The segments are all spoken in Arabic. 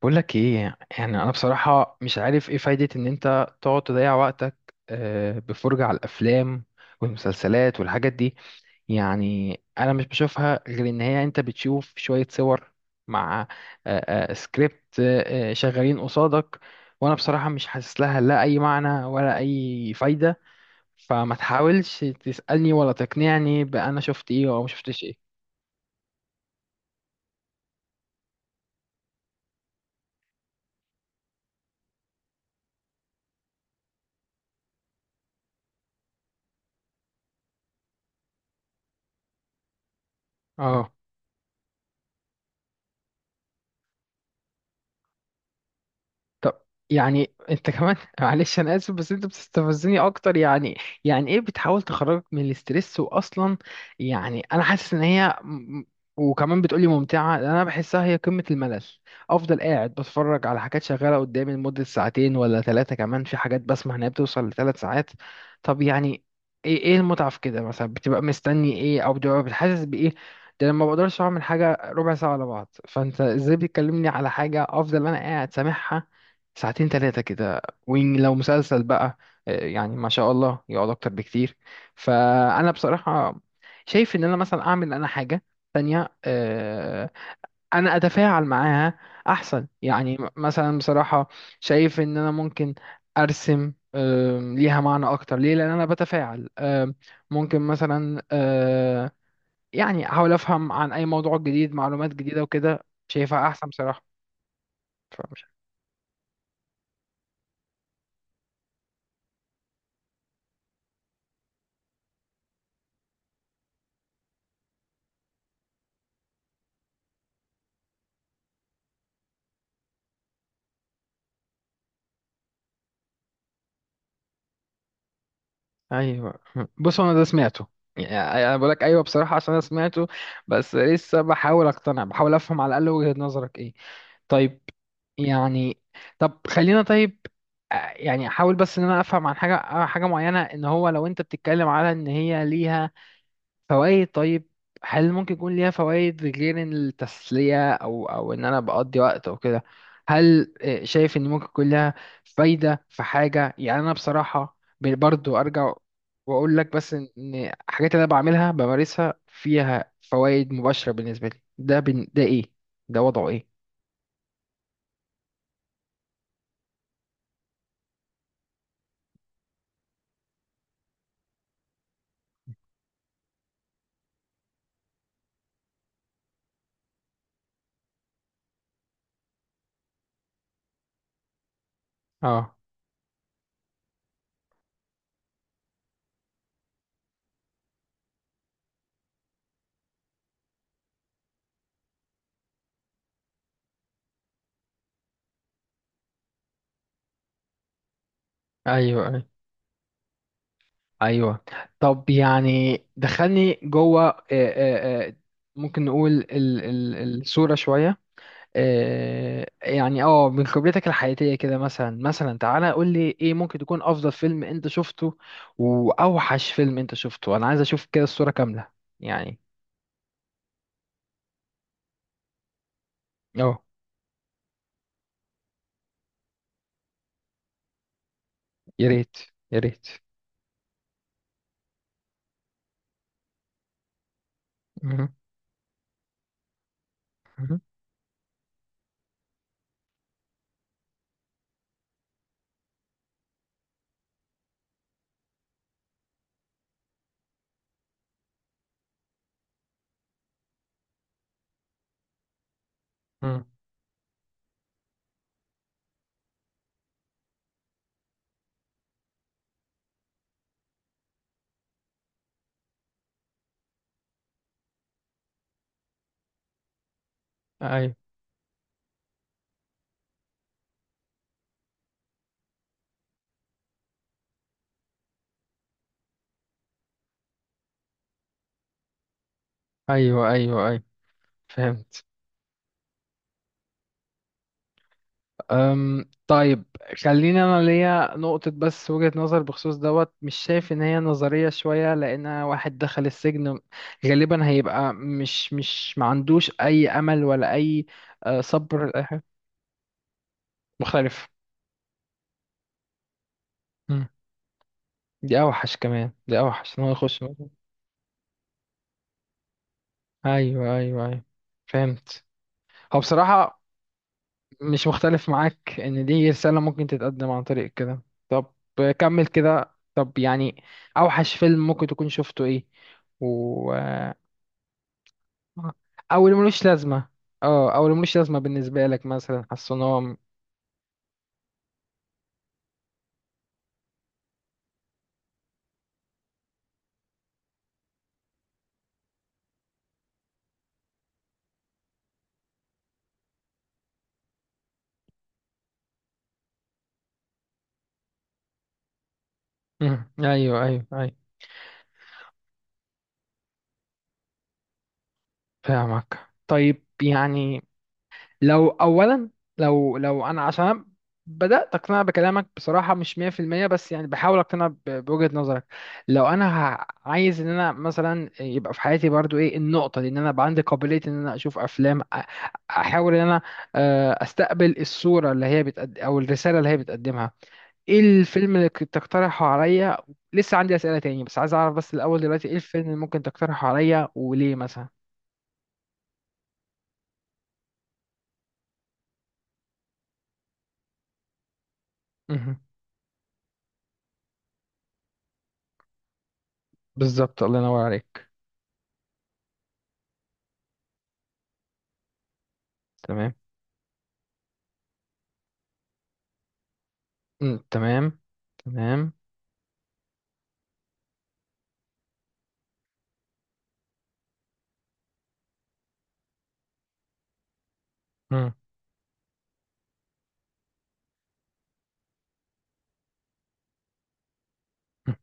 بقول لك ايه؟ يعني انا بصراحة مش عارف ايه فايدة ان انت تقعد تضيع وقتك، بفرجة على الافلام والمسلسلات والحاجات دي. يعني انا مش بشوفها غير ان هي انت بتشوف شوية صور مع سكريبت شغالين قصادك. وانا بصراحة مش حاسس لها لا اي معنى ولا اي فايدة، فما تحاولش تسألني ولا تقنعني بأنا شفت ايه او ما شفتش ايه. اه. طب يعني انت كمان معلش انا اسف، بس انت بتستفزني اكتر يعني. يعني ايه بتحاول تخرجك من الاسترس واصلا؟ يعني انا حاسس ان هي وكمان بتقولي ممتعه، انا بحسها هي قمه الملل. افضل قاعد بتفرج على حاجات شغاله قدامي لمده ساعتين ولا ثلاثه، كمان في حاجات بسمع انها بتوصل لثلاث ساعات. طب يعني ايه المتعه في كده؟ مثلا بتبقى مستني ايه، او بتبقى بتحسس بايه؟ ده لما بقدرش اعمل حاجه ربع ساعه على بعض، فانت ازاي بتكلمني على حاجه افضل انا قاعد سامعها ساعتين ثلاثة كده؟ ولو مسلسل بقى، يعني ما شاء الله يقعد أكتر بكتير. فأنا بصراحة شايف إن أنا مثلا أعمل أنا حاجة تانية، أنا أتفاعل معاها أحسن يعني، مثلا بصراحة شايف إن أنا ممكن أرسم، ليها معنى أكتر. ليه؟ لأن أنا بتفاعل، ممكن مثلا يعني أحاول أفهم عن أي موضوع جديد معلومات جديدة، وكده شايفها أحسن بصراحة. ايوه بص انا ده سمعته، يعني انا بقول لك ايوه بصراحه عشان انا سمعته. بس لسه بحاول اقتنع، بحاول افهم على الاقل وجهه نظرك ايه. طيب. يعني طب خلينا طيب، يعني احاول بس ان انا افهم عن حاجه معينه. ان هو لو انت بتتكلم على ان هي ليها فوائد، طيب، هل ممكن يكون ليها فوائد غير إن التسلية أو إن أنا بقضي وقت أو كده؟ هل شايف إن ممكن يكون لها فايدة في حاجة؟ يعني أنا بصراحة برضو أرجع وأقول لك، بس إن الحاجات اللي أنا بعملها بمارسها فيها فوائد مباشرة بالنسبة لي، ده ده إيه؟ ده وضعه إيه؟ اه، ايوه ايوه ايوه. طب يعني دخلني جوه، ممكن نقول الصورة شوية. يعني من خبرتك الحياتية كده، مثلا تعالى قول لي، ايه ممكن تكون افضل فيلم انت شفته، واوحش فيلم انت شفته؟ انا عايز اشوف كده الصورة كاملة. يعني اه يا ريت، يا ريت. مهم، مهم، مهم. ايوه ايوه ايوه ايوه، فهمت. طيب، خليني انا ليا نقطة بس، وجهة نظر بخصوص دوت. مش شايف ان هي نظرية شوية؟ لان واحد دخل السجن غالبا هيبقى مش ما عندوش اي امل ولا اي صبر لأي حاجة. مختلف. مم. دي اوحش، كمان دي اوحش ان هو يخش. ايوه ايوه ايوه، فهمت. هو بصراحة مش مختلف معاك ان دي رسالة ممكن تتقدم عن طريق كده. طب كمل كده، طب يعني اوحش فيلم ممكن تكون شفته ايه؟ و... او اللي ملوش لازمة. اه، او اللي ملوش لازمة بالنسبة لك، مثلا حاسس ان هو مم. ايوه ايوه ايوه. فاهمك. طيب يعني، لو اولا، لو انا، عشان أنا بدات اقتنع بكلامك بصراحه، مش 100% بس يعني بحاول اقتنع بوجهه نظرك. لو انا عايز ان انا مثلا يبقى في حياتي برضو ايه النقطه دي، ان انا يبقى عندي قابليه ان انا اشوف افلام، احاول ان انا استقبل الصوره اللي هي بتقد، او الرساله اللي هي بتقدمها. ايه الفيلم اللي كنت تقترحه عليا؟ لسه عندي اسئله تاني، بس عايز اعرف بس الاول دلوقتي ايه الفيلم اللي ممكن تقترحه عليا، وليه مثلا. مهم. بالظبط الله ينور عليك. تمام. مم، تمام. تمام. مم. مم.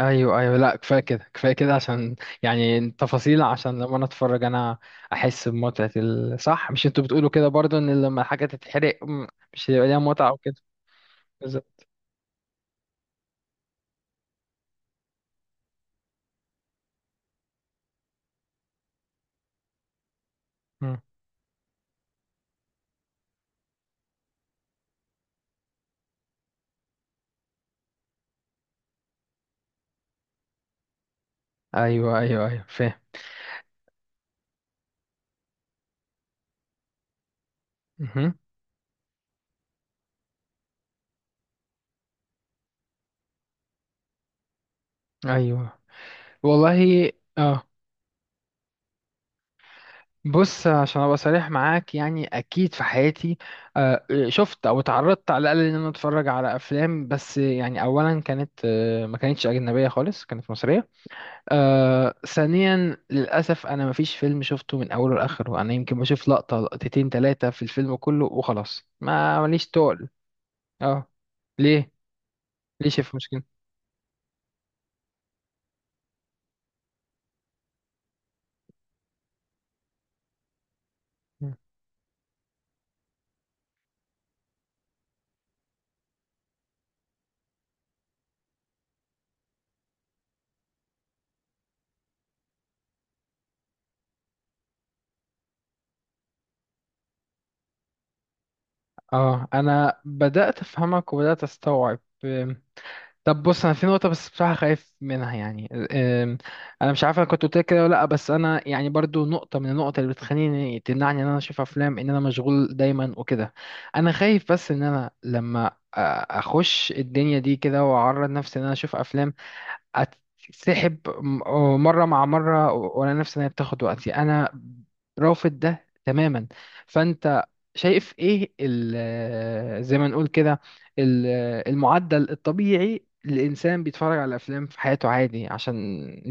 ايوه ايوه، لا كفايه كده كفايه كده، عشان يعني تفاصيل، عشان لما انا اتفرج انا احس بمتعه صح؟ مش انتوا بتقولوا كده برضو ان لما الحاجه تتحرق مش هيبقى ليها متعه او كده؟ بالظبط. مم. ايوه ايوه ايوه، فاهم. مهم. ايوه، والله. اه. بص عشان ابقى صريح معاك، يعني اكيد في حياتي شفت او اتعرضت على الاقل ان انا اتفرج على افلام، بس يعني اولا كانت ما كانتش اجنبيه خالص، كانت مصريه. ثانيا، للأسف أنا مفيش فيلم شفته من أوله لآخره. أنا يمكن بشوف لقطة لقطتين تلاتة في الفيلم كله وخلاص، ما ماليش تقل. اه. ليه؟ ليه شايف مشكلة؟ اه أنا بدأت أفهمك وبدأت أستوعب. طب بص، انا في نقطه بس بصراحه خايف منها يعني، أم، انا مش عارف انا كنت قلت لك كده ولا لا، بس انا يعني برضو نقطه من النقط اللي بتخليني تمنعني ان انا اشوف افلام، ان انا مشغول دايما وكده. انا خايف بس ان انا لما اخش الدنيا دي كده واعرض نفسي ان انا اشوف افلام، اتسحب مرة مع مرة، وانا نفسي ان هي بتاخد وقتي، انا رافض ده تماما. فانت شايف ايه زي ما نقول كده ال- المعدل الطبيعي الانسان بيتفرج على الافلام في حياته عادي؟ عشان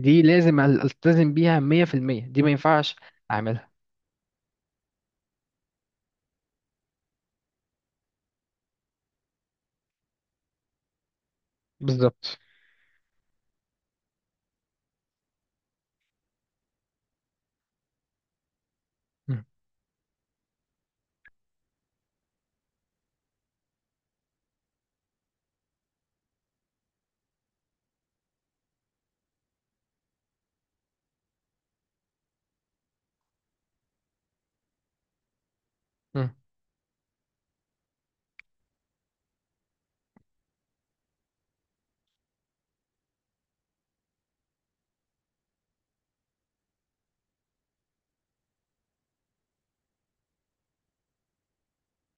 دي لازم التزم بيها 100%، دي ما ينفعش اعملها. بالظبط. مم. مم.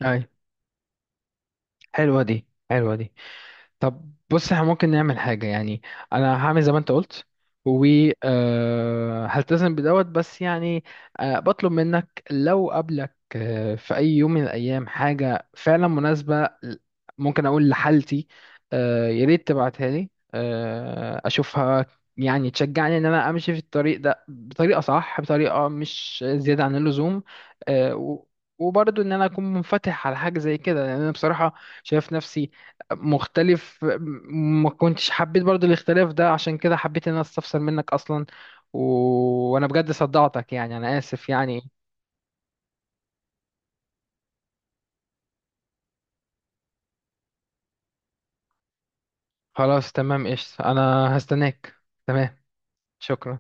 اي، حلوة دي حلوة دي. طب بص احنا ممكن نعمل حاجة يعني، انا هعمل زي ما انت قلت، و هلتزم بدوت، بس يعني بطلب منك لو قابلك في اي يوم من الايام حاجة فعلا مناسبة ممكن اقول لحالتي، يا ريت تبعتها لي اشوفها. يعني تشجعني ان انا امشي في الطريق ده بطريقة صح، بطريقة مش زيادة عن اللزوم، آه، و- وبرضه ان انا اكون منفتح على حاجة زي كده، لان انا بصراحة شايف نفسي مختلف، ما كنتش حبيت برضو الاختلاف ده، عشان كده حبيت ان انا استفسر منك اصلا. و... وانا بجد صدعتك، يعني انا اسف يعني. خلاص تمام قشطة، انا هستناك. تمام. شكرا.